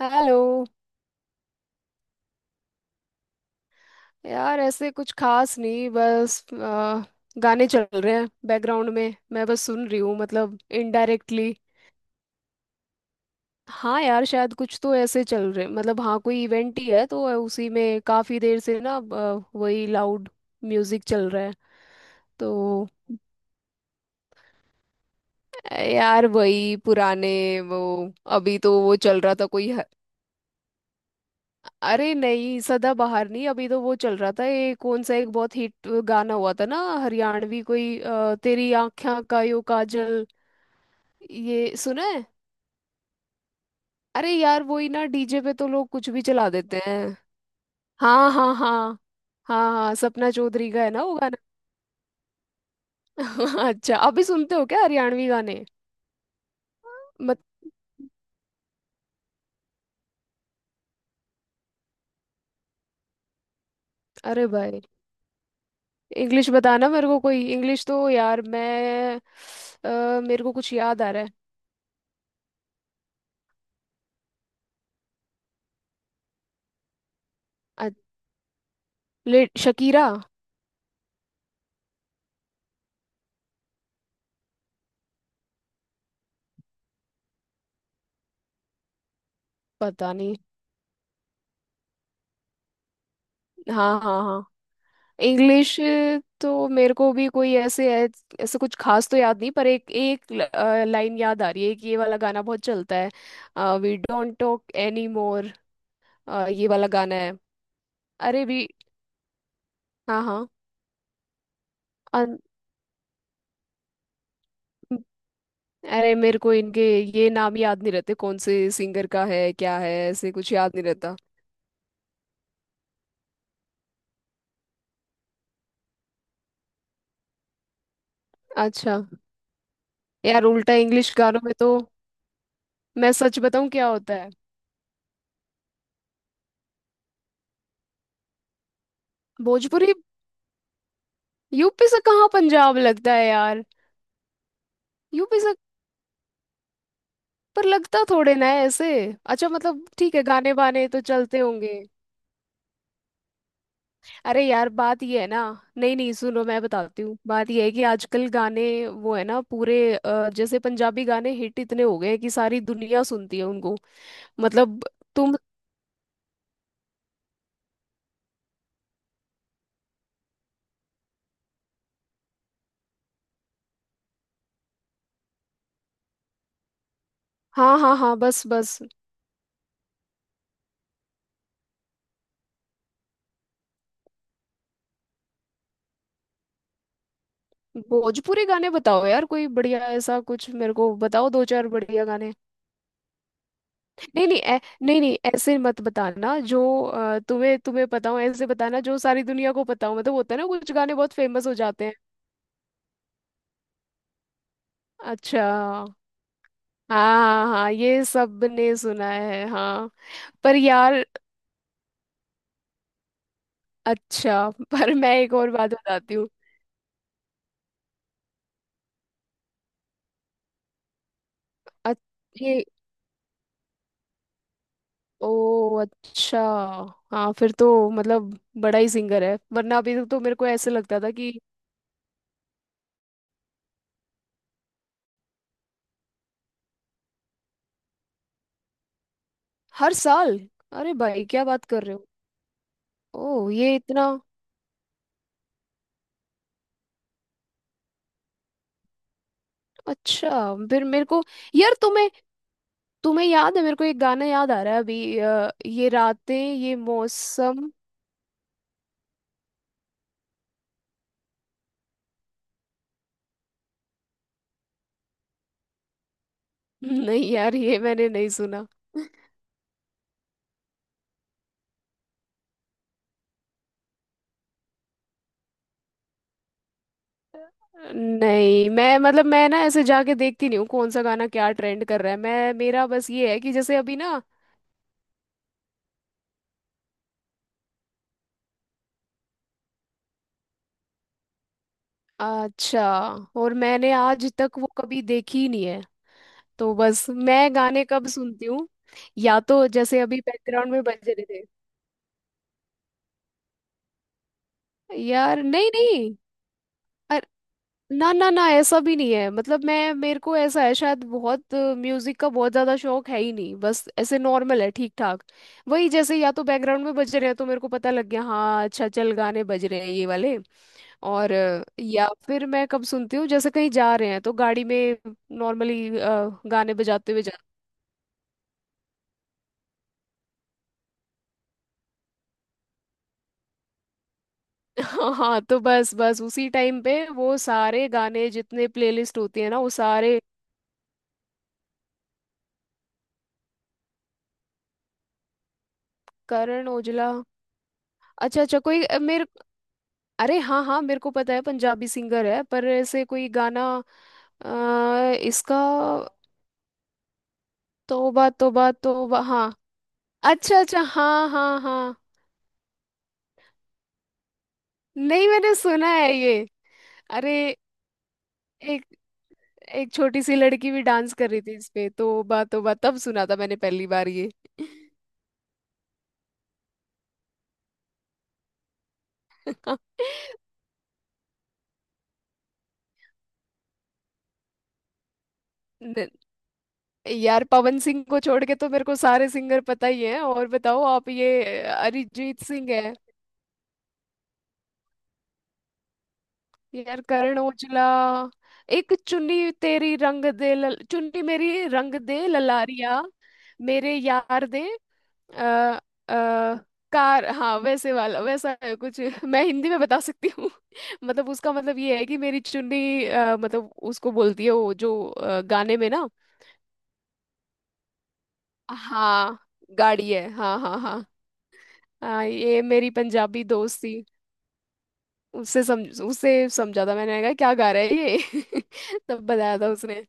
Hello. यार ऐसे कुछ खास नहीं, बस गाने चल रहे हैं बैकग्राउंड में, मैं बस सुन रही हूँ मतलब इनडायरेक्टली। हाँ यार शायद कुछ तो ऐसे चल रहे, मतलब हाँ कोई इवेंट ही है, तो उसी में काफी देर से ना वही लाउड म्यूजिक चल रहा है। तो यार वही पुराने वो, अभी तो वो चल रहा था कोई। अरे नहीं, सदाबहार नहीं, अभी तो वो चल रहा था, ये कौन सा एक बहुत हिट गाना हुआ था ना हरियाणवी कोई तेरी आँखें का यो काजल। ये सुना है? अरे यार वही ना, डीजे पे तो लोग कुछ भी चला देते हैं। हाँ हाँ हाँ। हाँ हाँ, सपना चौधरी का है ना वो गाना। अच्छा, अभी सुनते हो क्या हरियाणवी गाने? मत। अरे भाई, इंग्लिश बताना मेरे को कोई। इंग्लिश तो यार मैं, मेरे को कुछ याद आ रहा है। अ, शकीरा। पता नहीं। हाँ हाँ हाँ। इंग्लिश। तो मेरे को भी कोई ऐसे ऐसे कुछ खास तो याद नहीं, पर एक एक लाइन याद आ रही है कि ये वाला गाना बहुत चलता है, we don't talk anymore. ये वाला गाना है। अरे भी। हाँ हाँ। अन- अरे मेरे को इनके ये नाम याद नहीं रहते, कौन से सिंगर का है क्या है, ऐसे कुछ याद नहीं रहता। अच्छा। यार उल्टा इंग्लिश गानों में तो, मैं सच बताऊं क्या होता है। भोजपुरी। यूपी से कहाँ पंजाब लगता है यार? यूपी से? पर लगता थोड़े ना है ऐसे। अच्छा मतलब ठीक है गाने वाने तो चलते होंगे। अरे यार बात ये है ना। नहीं नहीं सुनो, मैं बताती हूँ, बात ये है कि आजकल गाने वो है ना पूरे जैसे पंजाबी गाने हिट इतने हो गए हैं कि सारी दुनिया सुनती है उनको। मतलब। तुम। हाँ हाँ हाँ, बस बस। भोजपुरी गाने बताओ यार, कोई बढ़िया ऐसा कुछ मेरे को बताओ, दो चार बढ़िया गाने। नहीं नहीं नहीं नहीं ऐसे मत बताना जो तुम्हें तुम्हें पता हो, ऐसे बताना जो सारी दुनिया को पता हो। मतलब होता है ना कुछ गाने बहुत फेमस हो जाते हैं। अच्छा। हाँ हाँ हाँ, ये सब ने सुना है हाँ। पर यार। अच्छा पर मैं एक और बात बताती हूँ। अ- ये। ओ अच्छा। हाँ, फिर तो मतलब बड़ा ही सिंगर है, वरना अभी तक तो मेरे को ऐसे लगता था कि। हर साल। अरे भाई क्या बात कर रहे हो। ओ ये इतना। अच्छा। फिर मेरे को। यार तुम्हें तुम्हें याद है, मेरे को एक गाना याद आ रहा है अभी ये रातें ये मौसम। नहीं यार ये मैंने नहीं सुना। नहीं मैं मतलब मैं ना ऐसे जाके देखती नहीं हूँ कौन सा गाना क्या ट्रेंड कर रहा है, मैं मेरा बस ये है कि जैसे अभी ना। अच्छा। और मैंने आज तक वो कभी देखी ही नहीं है। तो बस मैं गाने कब सुनती हूँ, या तो जैसे अभी बैकग्राउंड में बज रहे थे। यार नहीं नहीं। ना ना ना ऐसा भी नहीं है, मतलब मैं मेरे को ऐसा है शायद बहुत म्यूजिक का बहुत ज्यादा शौक है ही नहीं, बस ऐसे नॉर्मल है ठीक ठाक। वही जैसे या तो बैकग्राउंड में बज रहे हैं तो मेरे को पता लग गया हाँ अच्छा, चल गाने बज रहे हैं ये वाले। और या फिर मैं कब सुनती हूँ, जैसे कहीं जा रहे हैं तो गाड़ी में नॉर्मली गाने बजाते हुए जा। हाँ हाँ, तो बस बस उसी टाइम पे वो सारे गाने जितने प्लेलिस्ट होती है ना, वो सारे। करण ओजला। अच्छा अच्छा, कोई मेरे। अरे हाँ हाँ मेरे को पता है पंजाबी सिंगर है, पर ऐसे कोई गाना इसका। तौबा तौबा, तौबा हाँ। अच्छा अच्छा हाँ हाँ हाँ। नहीं मैंने सुना है ये। अरे एक। एक छोटी सी लड़की भी डांस कर रही थी इस पे तौबा तौबा, तब सुना था मैंने पहली बार ये। न- यार पवन सिंह को छोड़ के तो मेरे को सारे सिंगर पता ही हैं। और बताओ आप ये अरिजीत सिंह है। यार करण ओजला। एक चुन्नी तेरी रंग दे चुन्नी मेरी रंग दे ललारिया। मेरे यार दे। आ, कार हाँ, वैसे वाला वैसा है कुछ। मैं हिंदी में बता सकती हूँ। मतलब उसका मतलब ये है कि मेरी चुन्नी मतलब उसको बोलती है वो जो गाने में ना। हाँ गाड़ी है हाँ हाँ हाँ। हाँ ये मेरी पंजाबी दोस्त थी। उससे समझा था, मैंने कहा क्या गा रहा है ये, तब बताया था उसने।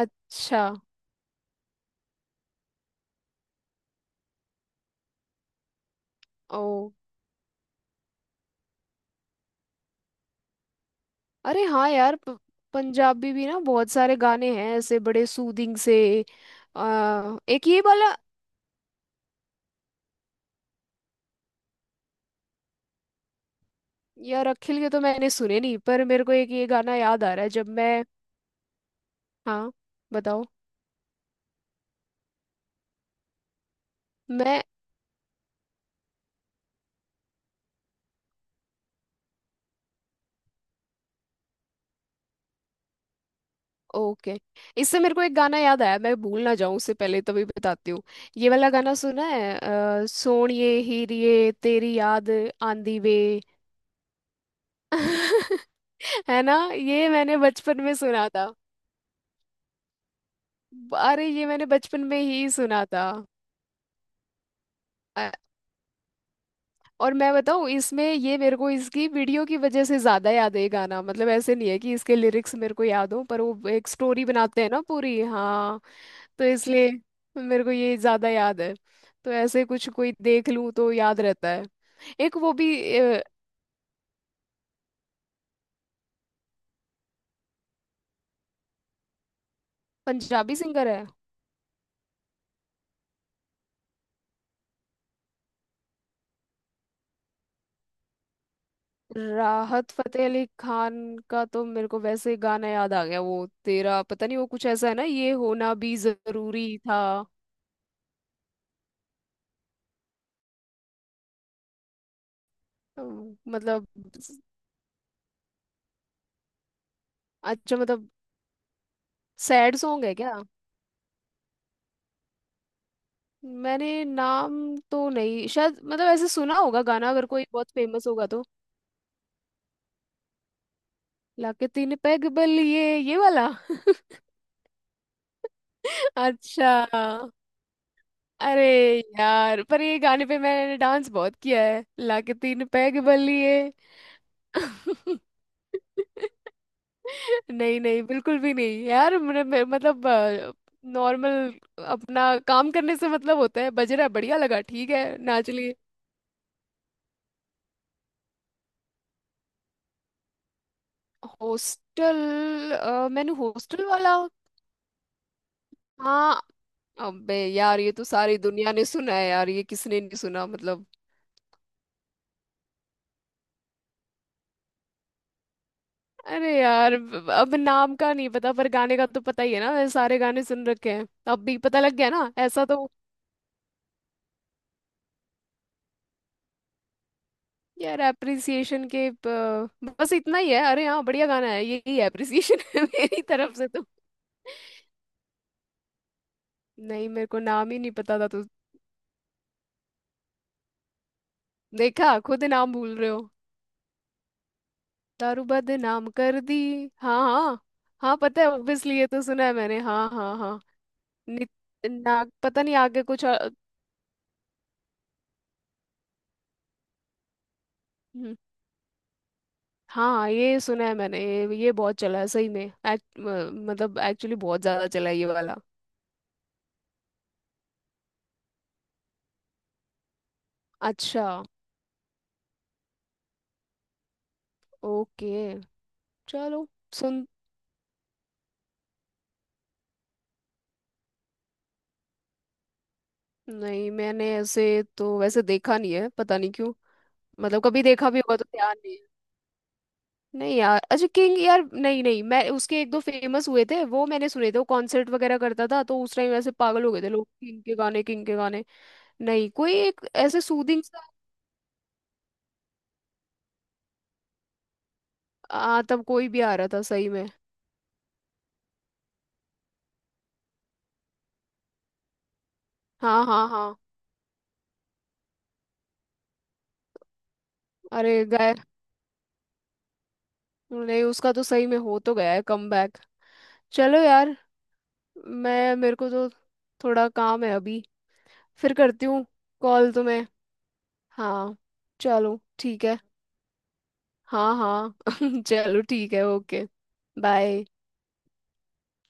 अच्छा। ओ। अरे हाँ यार पंजाबी भी ना बहुत सारे गाने हैं ऐसे बड़े सूदिंग से। एक ये वाला। यार अखिल के तो मैंने सुने नहीं, पर मेरे को एक ये गाना याद आ रहा है जब मैं। हाँ बताओ। मैं। ओके। इससे मेरे को एक गाना याद आया, मैं भूल ना जाऊं उससे पहले तभी बताती हूँ। ये वाला गाना सुना है? सोणिए हीरिए तेरी याद आंदी वे। है ना, ये मैंने बचपन में सुना था। अरे ये मैंने बचपन में ही सुना था। अ- और मैं बताऊं इसमें, ये मेरे को इसकी वीडियो की वजह से ज्यादा याद है ये गाना, मतलब ऐसे नहीं है कि इसके लिरिक्स मेरे को याद हो, पर वो एक स्टोरी बनाते हैं ना पूरी हाँ। तो इसलिए मेरे को ये ज्यादा याद है। तो ऐसे कुछ कोई देख लूं तो याद रहता है। एक वो भी पंजाबी सिंगर है। राहत फतेह अली खान का तो मेरे को वैसे गाना याद आ गया, वो तेरा पता नहीं वो कुछ ऐसा है ना ये होना भी जरूरी था। मतलब। अच्छा मतलब सैड सॉन्ग है क्या? मैंने नाम तो नहीं, शायद मतलब ऐसे सुना होगा गाना अगर कोई बहुत फेमस होगा तो। लाके तीन पैग बलिए ये वाला। अच्छा। अरे यार पर ये गाने पे मैंने डांस बहुत किया है, लाके तीन पैग बल्लिए। नहीं नहीं बिल्कुल भी नहीं यार, मेरे, मेरे, मतलब नॉर्मल अपना काम करने से मतलब होता है, बज रहा है बढ़िया लगा ठीक है नाच लिए। हॉस्टल मैंने हॉस्टल वाला हाँ। अबे यार ये तो सारी दुनिया ने सुना है यार, ये किसने नहीं सुना मतलब। अरे यार अब नाम का नहीं पता, पर गाने का तो पता ही है ना, मैंने सारे गाने सुन रखे हैं, अब भी पता लग गया ना ऐसा तो। यार एप्रिसिएशन के बस इतना ही है, अरे हाँ बढ़िया गाना है, यही एप्रिसिएशन है appreciation। मेरी तरफ से तो। नहीं मेरे को नाम ही नहीं पता था तो। देखा, खुद नाम भूल रहे हो। दारू बदनाम कर दी हाँ हाँ। हाँ पता है, ऑब्वियसली ये तो सुना है मैंने हाँ हाँ हाँ। नि- ना पता नहीं आगे कुछ हाँ ये सुना है मैंने, ये बहुत चला है सही में, मतलब एक्चुअली बहुत ज्यादा चला है ये वाला। अच्छा। ओके। चलो। सुन। नहीं मैंने ऐसे तो वैसे देखा नहीं है पता नहीं क्यों, मतलब कभी देखा भी होगा तो ध्यान नहीं है। नहीं यार अच्छा, किंग यार नहीं नहीं मैं, उसके एक दो फेमस हुए थे वो मैंने सुने थे, वो कॉन्सर्ट वगैरह करता था तो उस टाइम ऐसे पागल हो गए थे लोग, किंग के गाने किंग के गाने। नहीं कोई एक ऐसे सूदिंग सा। तब कोई भी आ रहा था सही में। हाँ हाँ हाँ। अरे गाय। नहीं उसका तो सही में हो तो गया है कमबैक। चलो यार। मैं मेरे को तो थोड़ा काम है अभी, फिर करती हूँ कॉल तुम्हें। हाँ। चलो ठीक है। हाँ हाँ। चलो ठीक है ओके। बाय।